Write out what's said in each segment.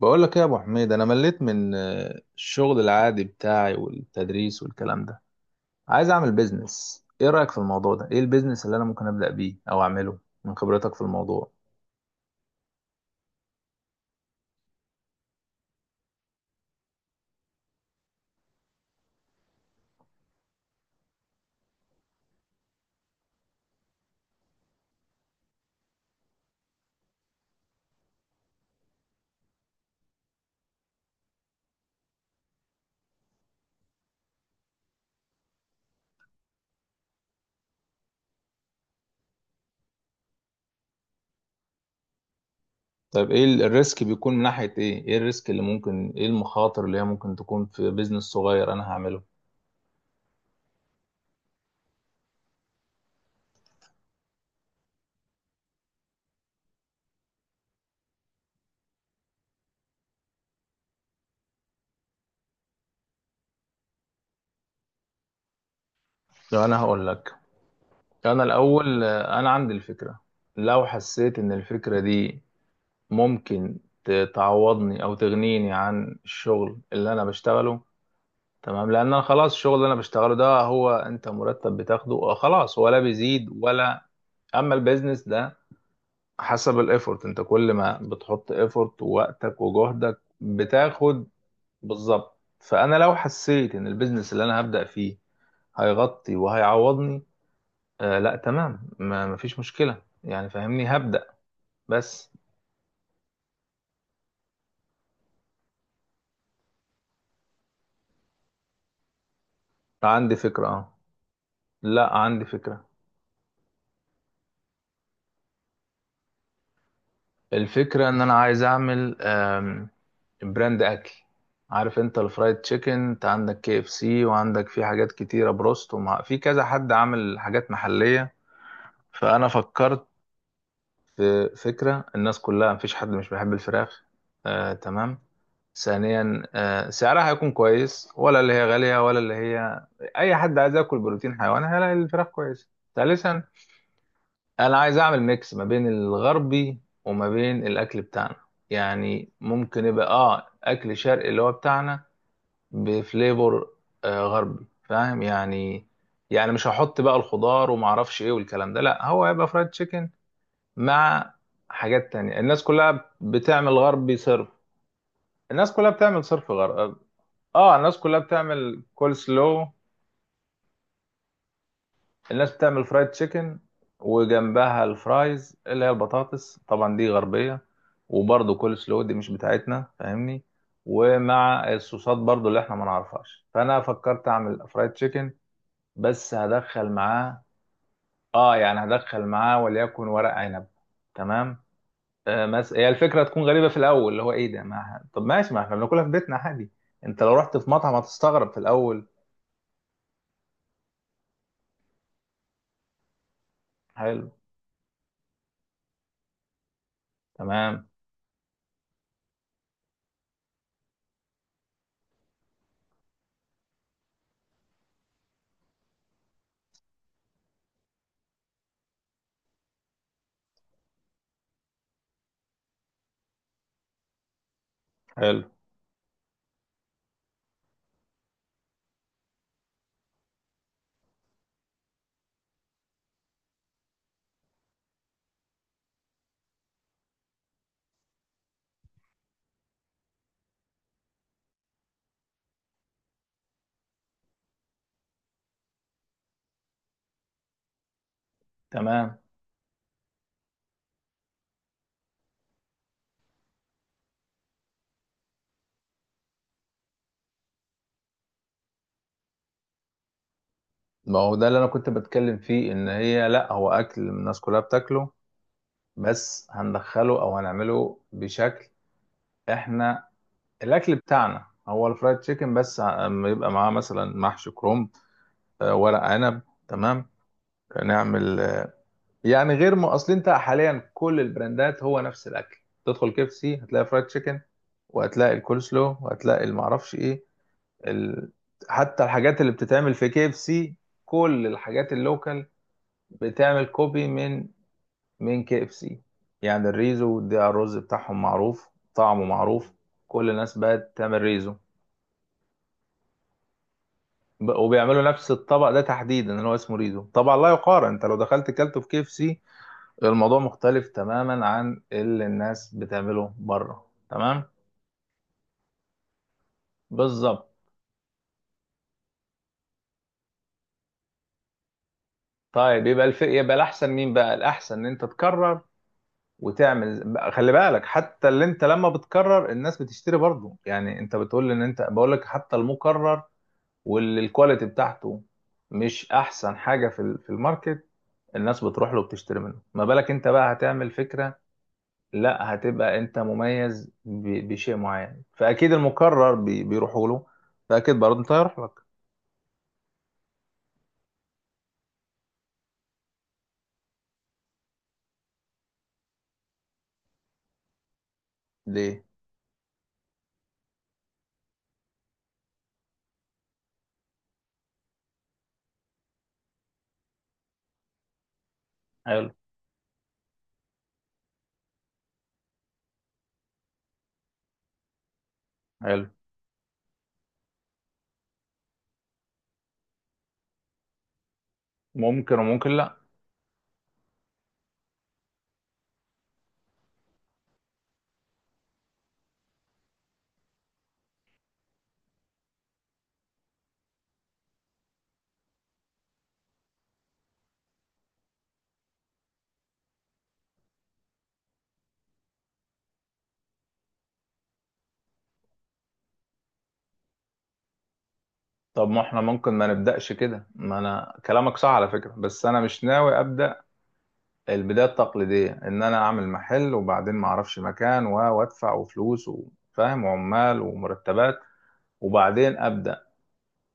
بقول لك ايه يا ابو حميد، انا مليت من الشغل العادي بتاعي والتدريس والكلام ده. عايز اعمل بيزنس. ايه رايك في الموضوع ده؟ ايه البيزنس اللي انا ممكن ابدا بيه او اعمله من خبرتك في الموضوع؟ طيب، ايه الريسك بيكون من ناحيه ايه الريسك اللي ممكن، ايه المخاطر اللي هي ممكن تكون في بيزنس صغير انا هعمله؟ لو انا هقول لك، انا الاول، انا عندي الفكره. لو حسيت ان الفكره دي ممكن تعوضني او تغنيني عن الشغل اللي انا بشتغله. تمام. لان انا خلاص الشغل اللي انا بشتغله ده، هو انت مرتب بتاخده خلاص، ولا بيزيد ولا. اما البيزنس ده، حسب الايفورت. انت كل ما بتحط ايفورت ووقتك وجهدك بتاخد. بالظبط، فانا لو حسيت ان البيزنس اللي انا هبدأ فيه هيغطي وهيعوضني، لا تمام، ما مفيش مشكلة يعني، فاهمني، هبدأ بس. عندي فكرة، اه. لا، عندي فكرة. الفكرة ان انا عايز اعمل براند اكل. عارف انت الفرايد تشيكن؟ انت عندك كي اف سي، وعندك في حاجات كتيرة، بروست، ومع، في كذا حد عامل حاجات محلية. فانا فكرت في فكرة. الناس كلها، مفيش حد مش بيحب الفراخ. آه تمام. ثانيا، سعرها هيكون كويس، ولا اللي هي غالية، ولا اللي هي. اي حد عايز ياكل بروتين حيواني هيلاقي الفراخ كويسة. ثالثا، انا عايز اعمل ميكس ما بين الغربي وما بين الاكل بتاعنا. يعني ممكن يبقى اكل شرقي اللي هو بتاعنا، بفليفر غربي، فاهم يعني. يعني مش هحط بقى الخضار وما اعرفش ايه والكلام ده، لا، هو هيبقى فرايد تشيكن مع حاجات تانية. الناس كلها بتعمل غربي صرف. الناس كلها بتعمل صرف غربي. اه. الناس كلها بتعمل كول سلو. الناس بتعمل فرايد تشيكن، وجنبها الفرايز اللي هي البطاطس، طبعا دي غربية. وبرضه كول سلو دي مش بتاعتنا، فاهمني. ومع الصوصات برضه اللي احنا ما نعرفهاش. فانا فكرت اعمل فرايد تشيكن، بس هدخل معاه. اه، يعني هدخل معاه وليكن ورق عنب. تمام. هي الفكرة تكون غريبة في الاول، اللي هو ايه ده؟ ما... طب ماشي، ما احنا بناكلها في بيتنا عادي. انت لو رحت في مطعم هتستغرب في الاول. حلو. تمام. حلو. تمام. ما هو ده اللي انا كنت بتكلم فيه، ان هي لا، هو اكل الناس كلها بتاكله، بس هندخله او هنعمله بشكل. احنا، الاكل بتاعنا هو الفرايد تشيكن، بس أما يبقى معاه مثلا محشي كرنب، ورق عنب. تمام. نعمل، يعني غير ما اصل، انت حاليا كل البراندات هو نفس الاكل. تدخل كيف سي، هتلاقي فرايد تشيكن، وهتلاقي الكول سلو، وهتلاقي المعرفش ايه ال... حتى الحاجات اللي بتتعمل في كيف سي، كل الحاجات اللوكال بتعمل كوبي من كي اف سي. يعني الريزو ده، الرز بتاعهم معروف، طعمه معروف. كل الناس بقت تعمل ريزو وبيعملوا نفس الطبق ده تحديدا اللي هو اسمه ريزو. طبعا لا يقارن، انت لو دخلت كلته في كي اف سي، الموضوع مختلف تماما عن اللي الناس بتعمله بره. تمام. بالظبط. طيب، يبقى الاحسن؟ مين بقى الاحسن، ان انت تكرر وتعمل بقى، خلي بالك حتى اللي انت لما بتكرر الناس بتشتري برضه، يعني انت بتقول ان انت، بقول لك حتى المكرر والكواليتي بتاعته مش احسن حاجه في في الماركت، الناس بتروح له وبتشتري منه. ما بالك انت بقى هتعمل فكره، لا، هتبقى انت مميز بشيء معين، فاكيد المكرر بيروحوا له، فاكيد برضه انت هيروح لك. ليه؟ حلو. حلو. ممكن وممكن لا. طب ما احنا ممكن ما نبداش كده، ما انا كلامك صح على فكره، بس انا مش ناوي ابدا البدايه التقليديه، ان انا اعمل محل وبعدين ما اعرفش مكان وادفع وفلوس وفاهم وعمال ومرتبات وبعدين ابدا.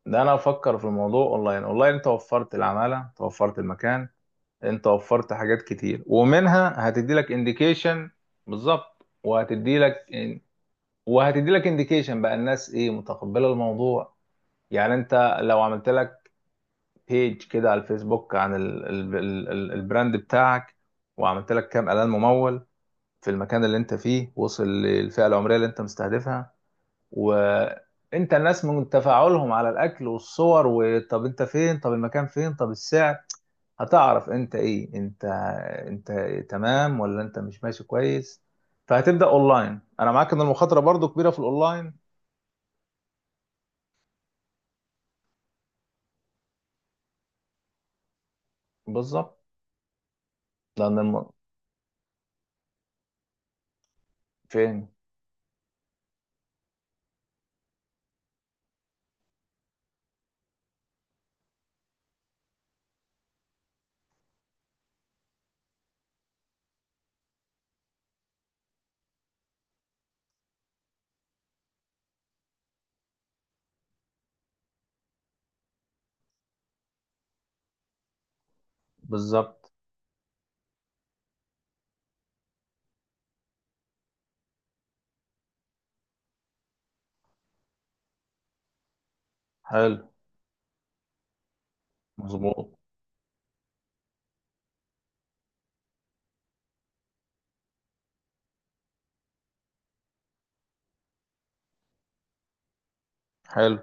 ده انا افكر في الموضوع اونلاين. اونلاين انت وفرت العماله، انت وفرت المكان، انت وفرت حاجات كتير، ومنها هتدي لك انديكيشن. بالظبط، وهتدي لك، وهتدي لك انديكيشن بقى الناس ايه، متقبله الموضوع. يعني انت لو عملت لك بيج كده على الفيسبوك عن ال البراند بتاعك، وعملت لك كام اعلان ممول في المكان اللي انت فيه، وصل للفئه العمريه اللي انت مستهدفها، وانت الناس من تفاعلهم على الاكل والصور، وطب انت فين، طب المكان فين، طب السعر، هتعرف انت ايه، انت تمام ولا انت مش ماشي كويس. فهتبدأ اونلاين، انا معاك ان المخاطرة برضو كبيرة في الاونلاين. بالظبط. لان فين. بالظبط. حلو. مظبوط. حلو.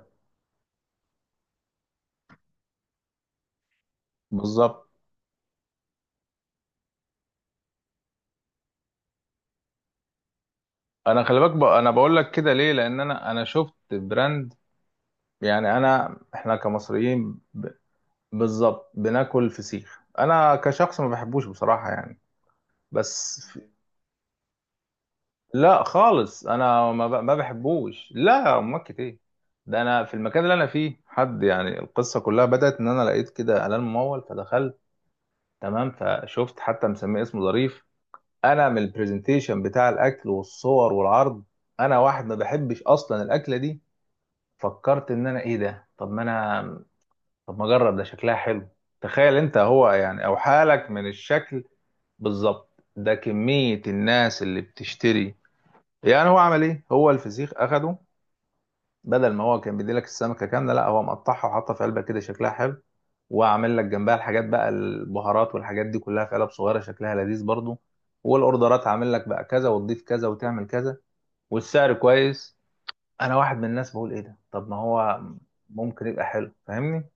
بالظبط. انا خلي بالك انا بقول لك كده ليه، لان انا شفت براند. يعني احنا كمصريين، بالظبط بناكل فسيخ. انا كشخص ما بحبوش بصراحه يعني، بس لا خالص، انا ما بحبوش. لا، امك ايه. ده انا في المكان اللي انا فيه حد، يعني القصه كلها بدات ان انا لقيت كده اعلان ممول فدخلت. تمام. فشفت حتى مسميه اسمه ظريف. انا من البرزنتيشن بتاع الاكل والصور والعرض، انا واحد ما بحبش اصلا الاكله دي، فكرت ان انا ايه ده. طب ما انا، طب ما اجرب، ده شكلها حلو. تخيل انت هو، يعني او حالك من الشكل. بالظبط. ده كمية الناس اللي بتشتري. يعني هو عمل ايه؟ هو الفسيخ اخده، بدل ما هو كان بيديلك السمكة كاملة، لا، هو مقطعها وحاطها في علبة كده شكلها حلو، وعامل لك جنبها الحاجات بقى، البهارات والحاجات دي كلها في علب صغيرة شكلها لذيذ برضو، والاوردرات عامل لك بقى كذا وتضيف كذا وتعمل كذا. والسعر كويس. انا واحد من الناس بقول ايه ده، طب ما هو ممكن يبقى حلو، فاهمني.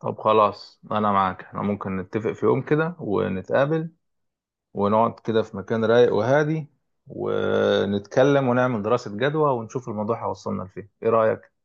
طب خلاص، انا معاك. احنا ممكن نتفق في يوم كده ونتقابل، ونقعد كده في مكان رايق وهادي، ونتكلم ونعمل دراسة جدوى ونشوف الموضوع هيوصلنا لفين. ايه رأيك؟